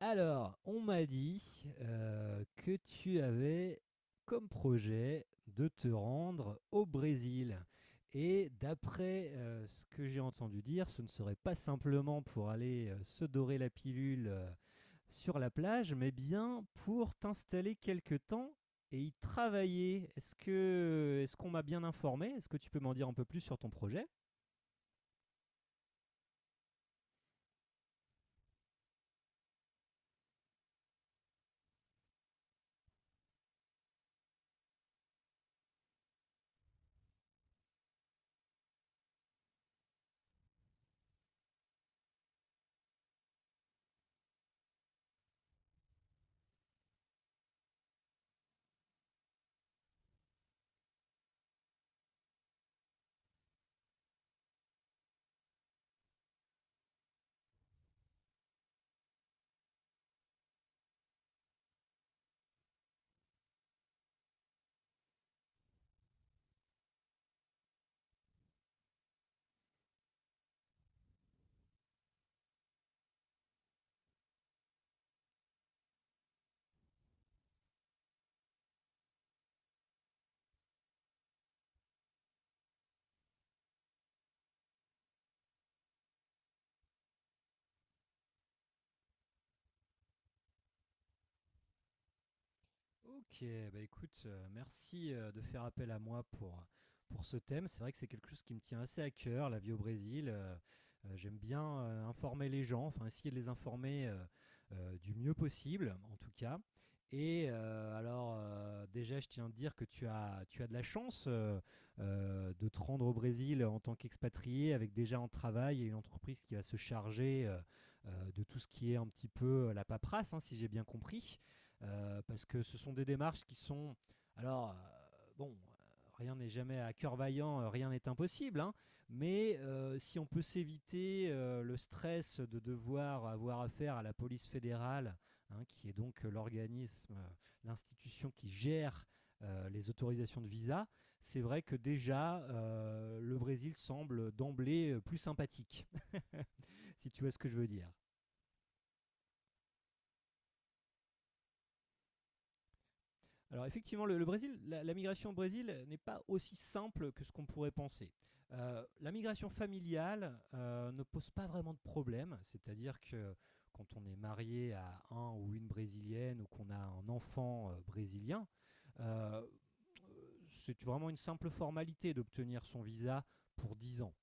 Alors, on m'a dit, que tu avais comme projet de te rendre au Brésil et d'après, ce que j'ai entendu dire, ce ne serait pas simplement pour aller, se dorer la pilule, sur la plage, mais bien pour t'installer quelque temps et y travailler. Est-ce qu'on m'a bien informé? Est-ce que tu peux m'en dire un peu plus sur ton projet? Ok, bah écoute, merci de faire appel à moi pour ce thème. C'est vrai que c'est quelque chose qui me tient assez à cœur, la vie au Brésil. J'aime bien informer les gens, enfin essayer de les informer du mieux possible, en tout cas. Et alors, déjà, je tiens à te dire que tu as de la chance de te rendre au Brésil en tant qu'expatrié, avec déjà un travail et une entreprise qui va se charger de tout ce qui est un petit peu la paperasse, hein, si j'ai bien compris parce que ce sont des démarches qui sont... Alors, bon, rien n'est jamais à cœur vaillant, rien n'est impossible, hein, mais si on peut s'éviter le stress de devoir avoir affaire à la police fédérale, hein, qui est donc l'organisme, l'institution qui gère les autorisations de visa, c'est vrai que déjà, le Brésil semble d'emblée plus sympathique, si tu vois ce que je veux dire. Alors effectivement, le Brésil, la migration au Brésil n'est pas aussi simple que ce qu'on pourrait penser. La migration familiale ne pose pas vraiment de problème, c'est-à-dire que quand on est marié à un ou une brésilienne ou qu'on a un enfant brésilien, euh, c'est vraiment une simple formalité d'obtenir son visa pour 10 ans.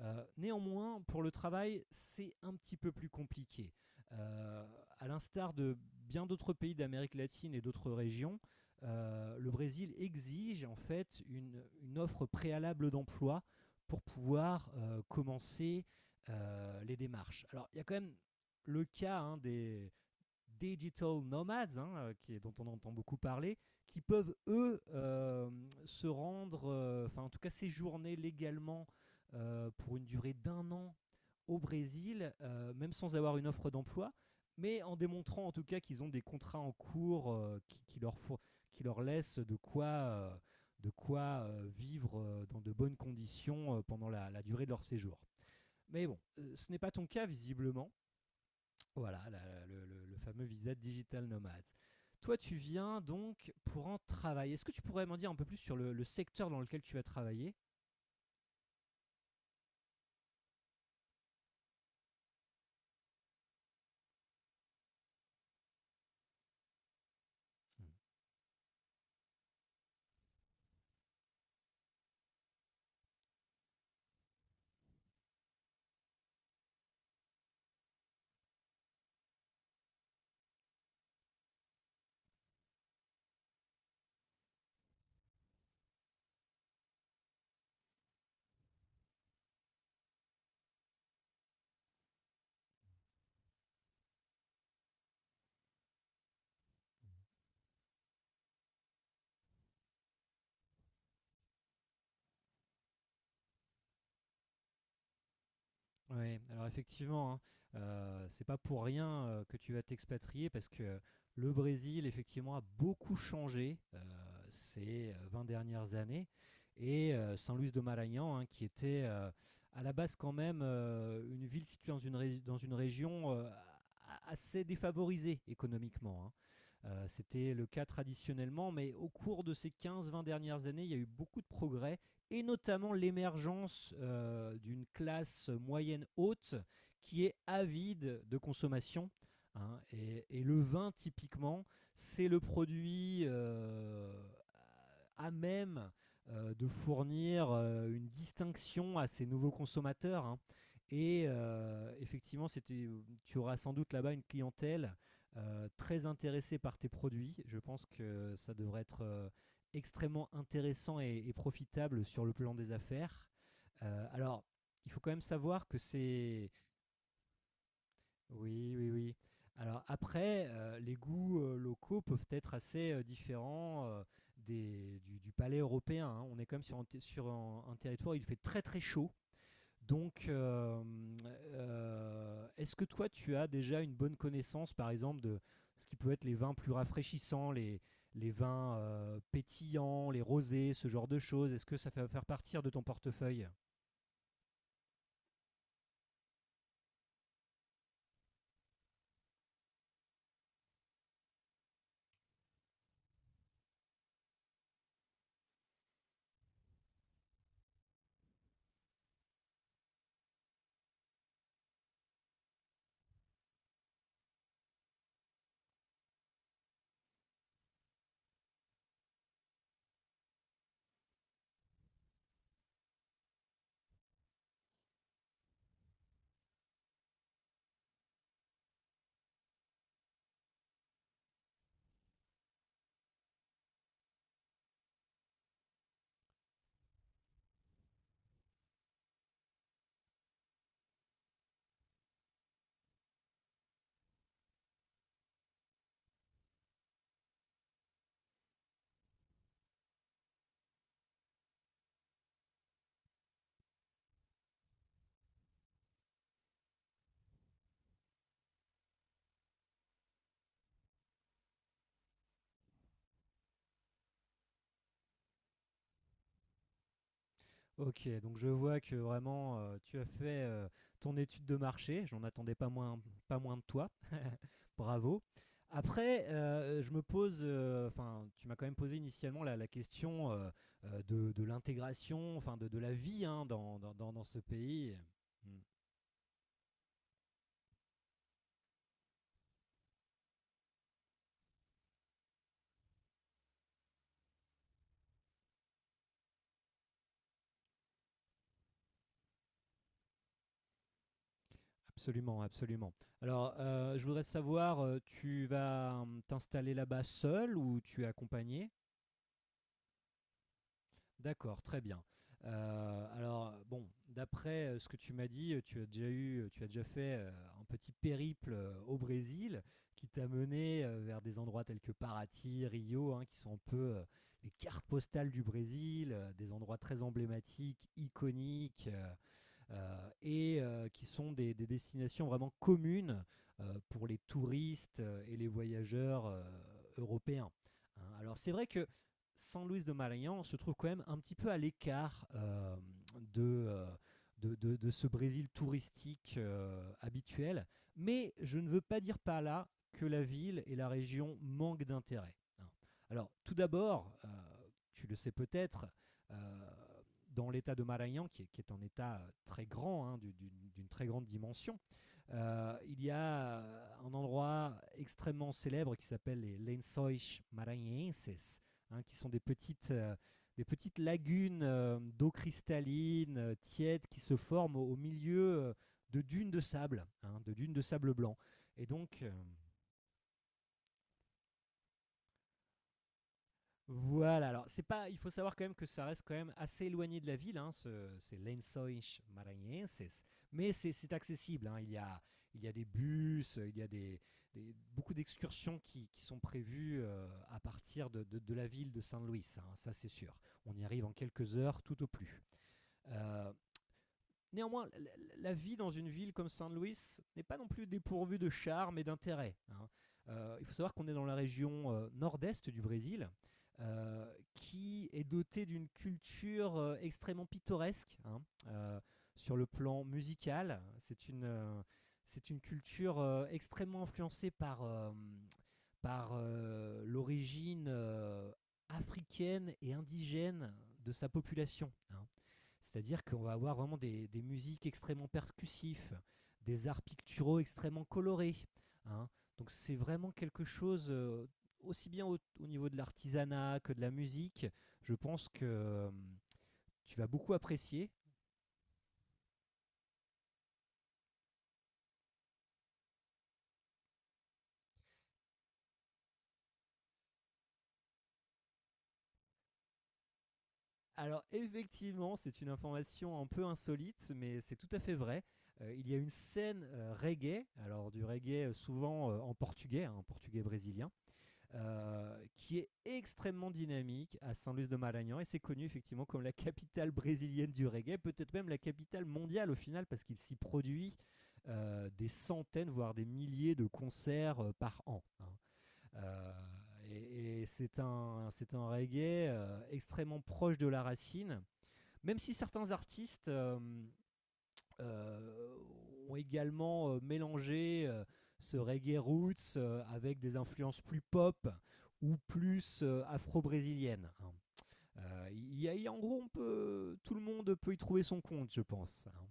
Néanmoins, pour le travail, c'est un petit peu plus compliqué. Euh, à l'instar de bien d'autres pays d'Amérique latine et d'autres régions, le Brésil exige en fait une offre préalable d'emploi pour pouvoir commencer les démarches. Alors, il y a quand même le cas hein, des, digital nomads, hein, qui est, dont on entend beaucoup parler, qui peuvent, eux, se rendre, enfin en tout cas séjourner légalement pour une durée d'un an au Brésil, même sans avoir une offre d'emploi, mais en démontrant en tout cas qu'ils ont des contrats en cours qui leur laissent de quoi vivre dans de bonnes conditions pendant la durée de leur séjour. Mais bon, ce n'est pas ton cas visiblement. Voilà, le fameux visa Digital Nomad. Toi, tu viens donc pour en travailler. Est-ce que tu pourrais m'en dire un peu plus sur le secteur dans lequel tu vas travailler? Ouais, alors effectivement, hein, c'est pas pour rien, que tu vas t'expatrier parce que le Brésil effectivement a beaucoup changé, ces, 20 dernières années et San Luís do Maranhão, hein, qui était, à la base quand même, une ville située dans une région, a assez défavorisée économiquement, hein. C'était le cas traditionnellement, mais au cours de ces quinze vingt dernières années, il y a eu beaucoup de progrès et notamment l'émergence d'une classe moyenne haute qui est avide de consommation, hein. Et le vin, typiquement, c'est le produit à même de fournir une distinction à ces nouveaux consommateurs, hein. Et effectivement, c'était, tu auras sans doute là-bas une clientèle très intéressée par tes produits. Je pense que ça devrait être extrêmement intéressant et profitable sur le plan des affaires. Alors, il faut quand même savoir que c'est... Oui, oui, oui. Alors après, les goûts locaux peuvent être assez différents du palais européen, hein. On est quand même sur un territoire où il fait très très chaud. Donc, est-ce que toi, tu as déjà une bonne connaissance, par exemple, de ce qui peut être les vins plus rafraîchissants, les vins pétillants, les rosés, ce genre de choses? Est-ce que ça fait faire partir de ton portefeuille? Ok, donc je vois que vraiment, tu as fait ton étude de marché, j'en attendais pas moins, pas moins de toi. Bravo. Après, je me pose, enfin, tu m'as quand même posé initialement la question de l'intégration, enfin, de la vie hein, ce pays. Hmm. Absolument, absolument. Alors, je voudrais savoir, tu vas t'installer là-bas seul ou tu es accompagné? D'accord, très bien. Heu, alors bon, d'après, ce que tu m'as dit, tu as déjà fait, un petit périple, au Brésil qui t'a mené, vers des endroits tels que Paraty, Rio, hein, qui sont un peu, les cartes postales du Brésil, des endroits très emblématiques, iconiques, et qui sont des destinations vraiment communes pour les touristes et les voyageurs européens. Hein. Alors c'est vrai que San Luis de Maranhão se trouve quand même un petit peu à l'écart de, euh, de ce Brésil touristique habituel, mais je ne veux pas dire par là que la ville et la région manquent d'intérêt. Hein. Alors tout d'abord, tu le sais peut-être, euh, dans l'état de Marayan, qui est un état très grand, hein, d'une très grande dimension, il y a un endroit extrêmement célèbre qui s'appelle les Lençóis Maranhenses, hein, qui sont des petites lagunes d'eau cristalline, tiède, qui se forment au milieu de dunes de sable, hein, de dunes de sable blanc. Et donc, euh, Voilà, alors c'est pas, il faut savoir quand même que ça reste quand même assez éloigné de la ville, hein, c'est Lençóis Maranhenses, mais c'est accessible, hein, il y a des bus, il y a beaucoup d'excursions qui sont prévues à partir de la ville de Saint-Louis, hein, ça c'est sûr. On y arrive en quelques heures tout au plus. Euh, Néanmoins, la vie dans une ville comme Saint Louis n'est pas non plus dépourvue de charme et d'intérêt, hein. Il faut savoir qu'on est dans la région nord-est du Brésil, euh, qui est dotée d'une culture extrêmement pittoresque, hein. Euh, sur le plan musical. C'est une culture extrêmement influencée par l'origine africaine et indigène de sa population, hein. C'est-à-dire qu'on va avoir vraiment des musiques extrêmement percussives, des arts picturaux extrêmement colorés, hein. Donc c'est vraiment quelque chose, aussi bien au niveau de l'artisanat que de la musique, je pense que tu vas beaucoup apprécier. Alors effectivement, c'est une information un peu insolite, mais c'est tout à fait vrai. Il y a une scène reggae, alors du reggae souvent en portugais, hein, en portugais brésilien, qui est extrêmement dynamique à San Luis de Maranhão et c'est connu effectivement comme la capitale brésilienne du reggae, peut-être même la capitale mondiale au final parce qu'il s'y produit des centaines voire des milliers de concerts par an, hein. Euh, et c'est un reggae extrêmement proche de la racine, même si certains artistes euh, ont également mélangé ce reggae roots avec des influences plus pop ou plus afro-brésiliennes, hein. Il y a- y a- en gros, tout le monde peut y trouver son compte, je pense, hein.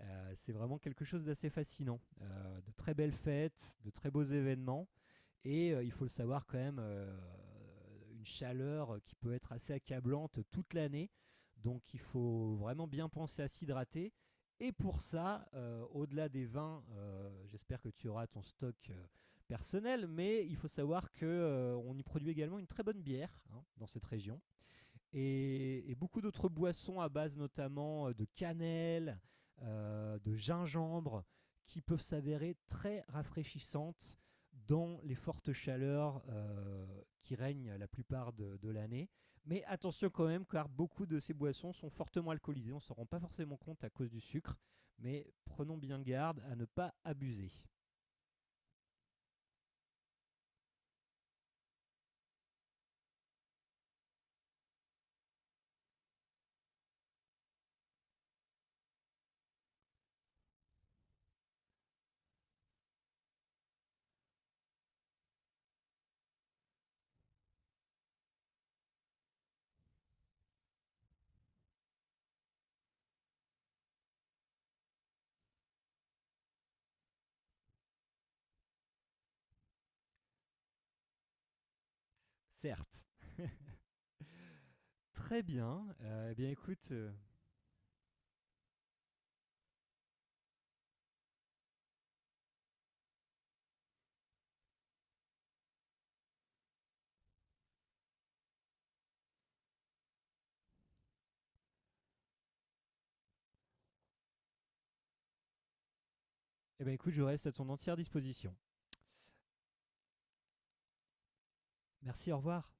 C'est vraiment quelque chose d'assez fascinant. De très belles fêtes, de très beaux événements. Et il faut le savoir quand même, une chaleur qui peut être assez accablante toute l'année. Donc il faut vraiment bien penser à s'hydrater. Et pour ça, au-delà des vins, j'espère que tu auras ton stock personnel, mais il faut savoir que on y produit également une très bonne bière hein, dans cette région et beaucoup d'autres boissons à base notamment de cannelle, de gingembre, qui peuvent s'avérer très rafraîchissantes dans les fortes chaleurs qui règnent la plupart de l'année. Mais attention quand même, car beaucoup de ces boissons sont fortement alcoolisées. On ne s'en rend pas forcément compte à cause du sucre, mais prenons bien garde à ne pas abuser. Certes. Très bien. Eh bien écoute, je reste à ton entière disposition. Merci, au revoir.